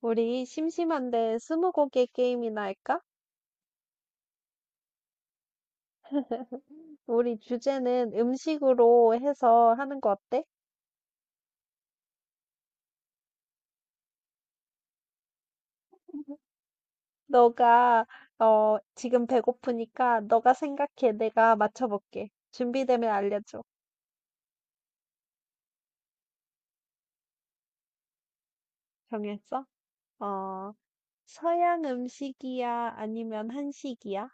우리 심심한데 스무고개 게임이나 할까? 우리 주제는 음식으로 해서 하는 거 어때? 너가 지금 배고프니까 너가 생각해. 내가 맞춰볼게. 준비되면 알려줘. 정했어? 어. 서양 음식이야? 아니면 한식이야?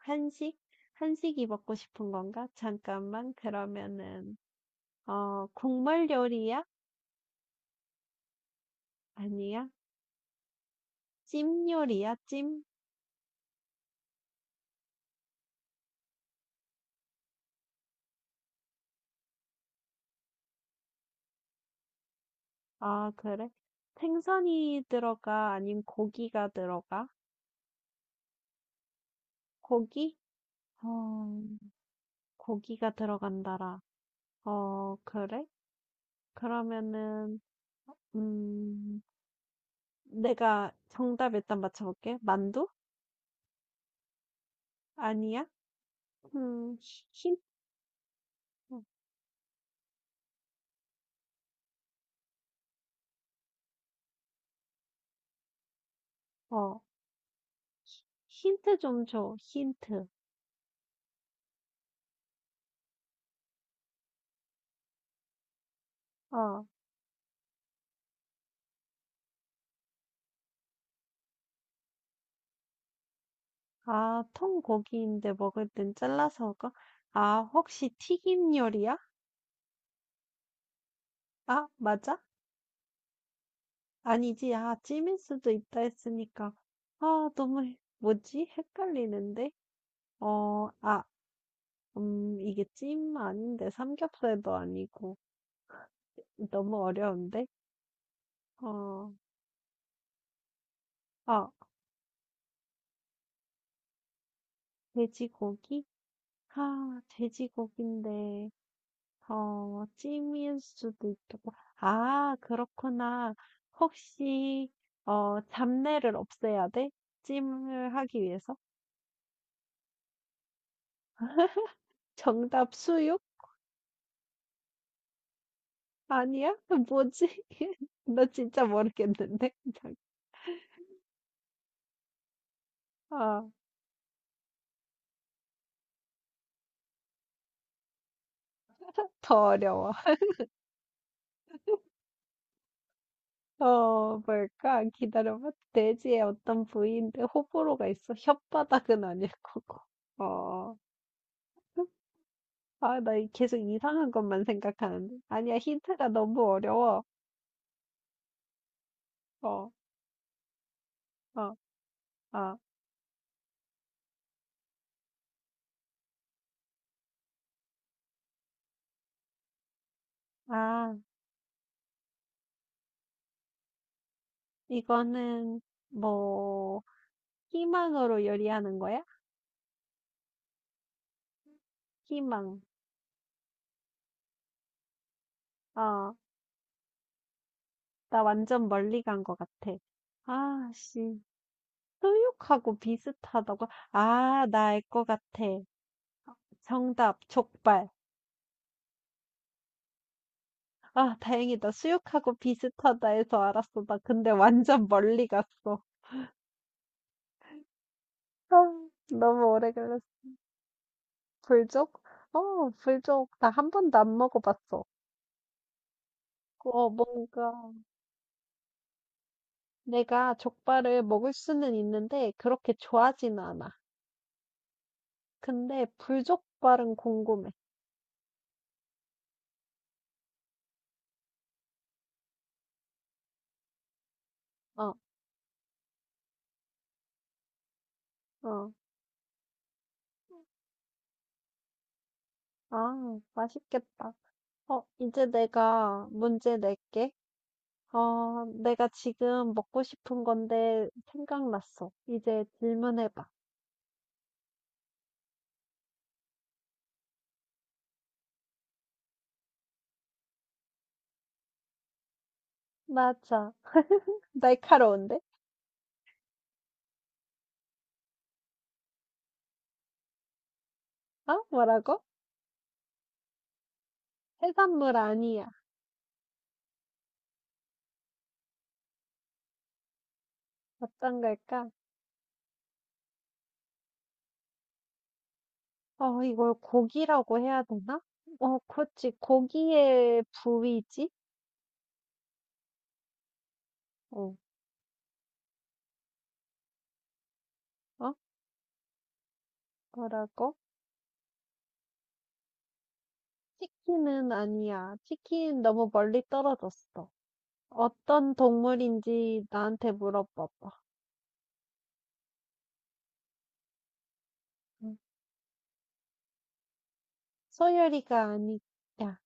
한식? 한식이 먹고 싶은 건가? 잠깐만. 그러면은 국물 요리야? 아니야? 찜 요리야? 찜? 아, 그래? 생선이 들어가? 아님 고기가 들어가? 고기? 어, 고기가 들어간다라. 어, 그래? 그러면은, 음, 내가 정답 일단 맞춰볼게. 만두? 아니야? 음, 힌, 어, 힌트 좀 줘. 힌트. 어, 통고기인데 먹을 땐 잘라서 먹어? 아, 혹시 튀김 요리야? 아, 맞아? 아니지. 아, 찜일 수도 있다 했으니까. 아, 너무, 뭐지? 헷갈리는데? 어, 아, 이게 찜 아닌데, 삼겹살도 아니고. 너무 어려운데? 어, 아, 돼지고기? 아, 돼지고기인데, 어, 찜일 수도 있고. 아, 그렇구나. 혹시, 어, 잡내를 없애야 돼? 찜을 하기 위해서? 정답 수육? 아니야? 뭐지? 나 진짜 모르겠는데. 아, 더 어려워. 어, 뭘까? 기다려봐. 돼지의 어떤 부위인데 호불호가 있어. 혓바닥은 아닐 거고. 어, 나 계속 이상한 것만 생각하는데. 아니야, 힌트가 너무 어려워. 어, 어, 어. 아, 이거는 뭐 희망으로 요리하는 거야? 희망. 어, 나 완전 멀리 간 것 같아. 아, 씨. 수육하고 비슷하다고? 아, 나 알 것 같아. 정답, 족발. 아, 다행이다. 수육하고 비슷하다 해서 알았어. 나 근데 완전 멀리 갔어. 아, 너무 오래 걸렸어. 불족? 어, 불족. 나 한 번도 안 먹어봤어. 어, 뭔가 내가 족발을 먹을 수는 있는데 그렇게 좋아하진 않아. 근데 불족발은 궁금해. 어, 어. 아, 맛있겠다. 어, 이제 내가 문제 낼게. 어, 내가 지금 먹고 싶은 건데 생각났어. 이제 질문해봐. 맞아. 날카로운데? 어? 뭐라고? 해산물 아니야. 어떤 걸까? 어, 이걸 고기라고 해야 되나? 어, 그렇지. 고기의 부위지? 어. 어? 뭐라고? 치킨은 아니야. 치킨 너무 멀리 떨어졌어. 어떤 동물인지 나한테 물어봐봐. 음, 소열이가 아니야.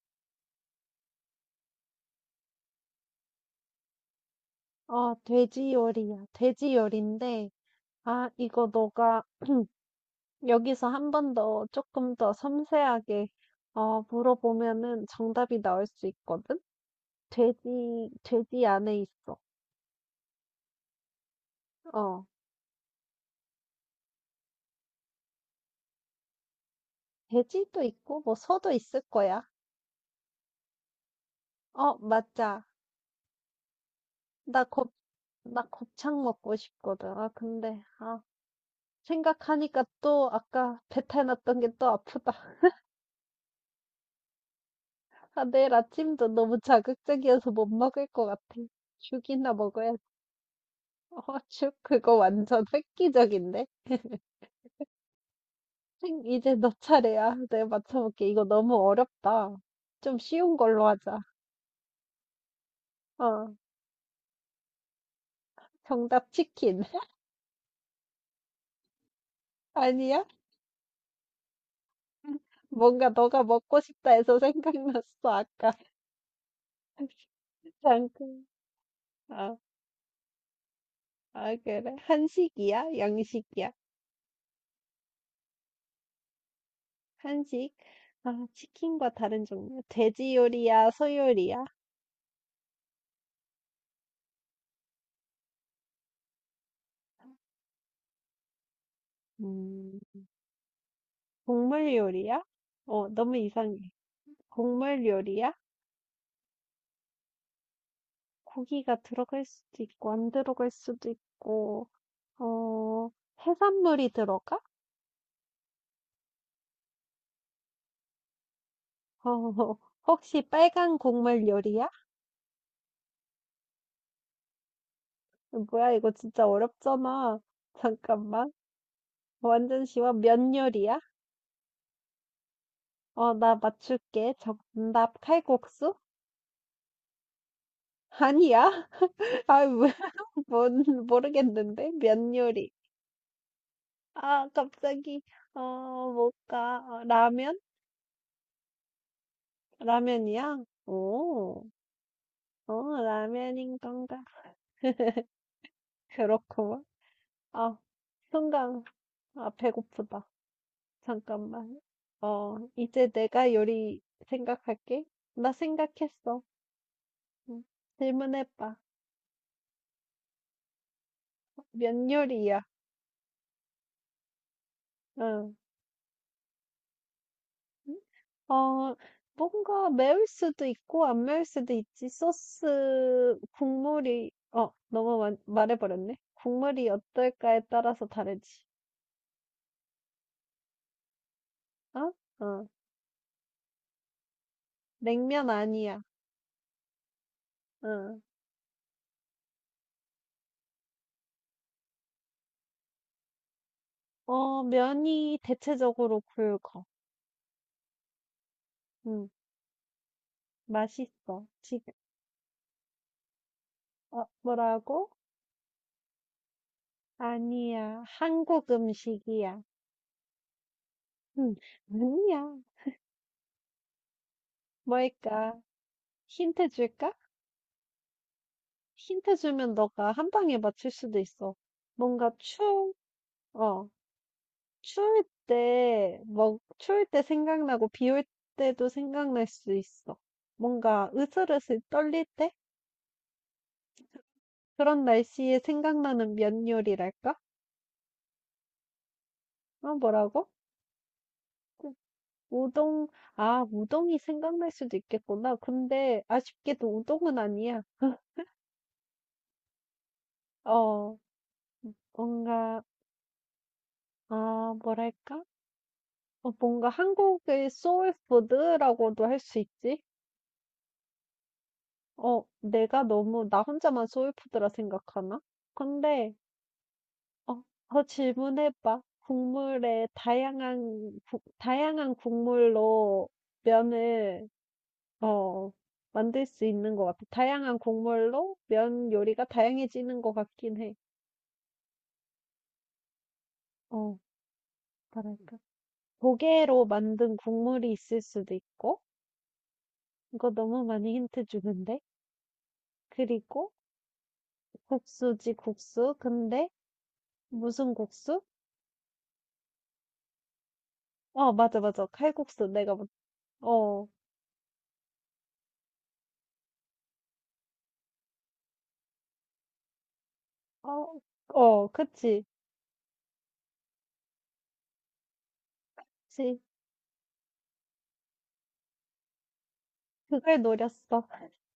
어 돼지 요리야. 돼지 요리인데, 아, 이거 너가 여기서 한번 더 조금 더 섬세하게, 어, 물어보면은 정답이 나올 수 있거든? 돼지 안에 있어. 어, 돼지도 있고, 뭐, 소도 있을 거야. 어, 맞아. 나 곱, 나 곱창 먹고 싶거든. 아, 근데, 아, 생각하니까 또 아까 배탈 났던 게 또 아프다. 아, 내일 아침도 너무 자극적이어서 못 먹을 것 같아. 죽이나 먹어야 어, 슉, 그거 완전 획기적인데? 이제 너 차례야. 내가 맞춰볼게. 이거 너무 어렵다. 좀 쉬운 걸로 하자. 어, 정답 치킨. 아니야? 뭔가 너가 먹고 싶다 해서 생각났어, 아까. 잠깐. 아, 아, 그래. 한식이야? 양식이야? 한식? 아, 치킨과 다른 종류. 돼지 요리야? 소 요리야? 음, 곡물 요리야? 어, 너무 이상해. 곡물 요리야? 고기가 들어갈 수도 있고 안 들어갈 수도 있고. 어, 해산물이 들어가? 어, 혹시 빨간 국물 요리야? 뭐야 이거 진짜 어렵잖아. 잠깐만. 완전 쉬워. 면 요리야? 어, 나 맞출게. 정답 칼국수? 아니야? 아뭔 모르겠는데 면 요리. 아, 갑자기 어, 뭘까. 어, 라면? 라면이야? 오, 어, 라면인 건가? 그렇구만. 아, 순간, 아, 배고프다. 잠깐만. 어, 이제 내가 요리 생각할게. 나 생각했어. 응. 질문해봐. 면 요리야? 응. 어, 뭔가 매울 수도 있고, 안 매울 수도 있지. 소스, 국물이, 어, 너무 말해버렸네. 국물이 어떨까에 따라서 다르지. 어? 어, 냉면 아니야. 응. 어, 면이 대체적으로 굵어. 응. 맛있어. 지금, 어, 뭐라고? 아니야. 한국 음식이야. 응, 아니야. 뭘까? 힌트 줄까? 힌트 주면 너가 한 방에 맞출 수도 있어. 뭔가 추, 어, 추울 때, 뭐, 추울 때 생각나고 비 올 때도 생각날 수 있어. 뭔가 으슬으슬 떨릴 때? 그런 날씨에 생각나는 면 요리랄까? 어, 뭐라고? 우동. 아, 우동이 생각날 수도 있겠구나. 근데 아쉽게도 우동은 아니야. 어, 뭔가, 아, 뭐랄까? 어, 뭔가 한국의 소울푸드라고도 할 수 있지? 어, 내가 너무 나 혼자만 소울푸드라 생각하나? 근데, 어, 더 질문해봐. 국물에 다양한, 다양한 국물로 면을, 어, 만들 수 있는 것 같아. 다양한 국물로 면 요리가 다양해지는 것 같긴 해. 어, 뭐랄까. 조개로 만든 국물이 있을 수도 있고, 이거 너무 많이 힌트 주는데? 그리고 국수지, 국수. 근데 무슨 국수? 어, 맞아, 맞아. 칼국수. 내가, 어, 어, 그치. 그치. 그걸 노렸어.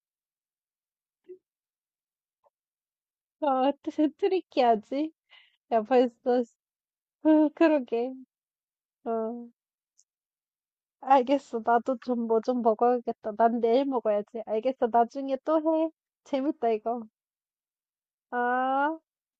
어, 트리키하지? 야, 벌써, 그, 그러게. 어, 알겠어. 나도 좀 뭐 좀 먹어야겠다. 난 내일 먹어야지. 알겠어. 나중에 또 해. 재밌다, 이거. 아.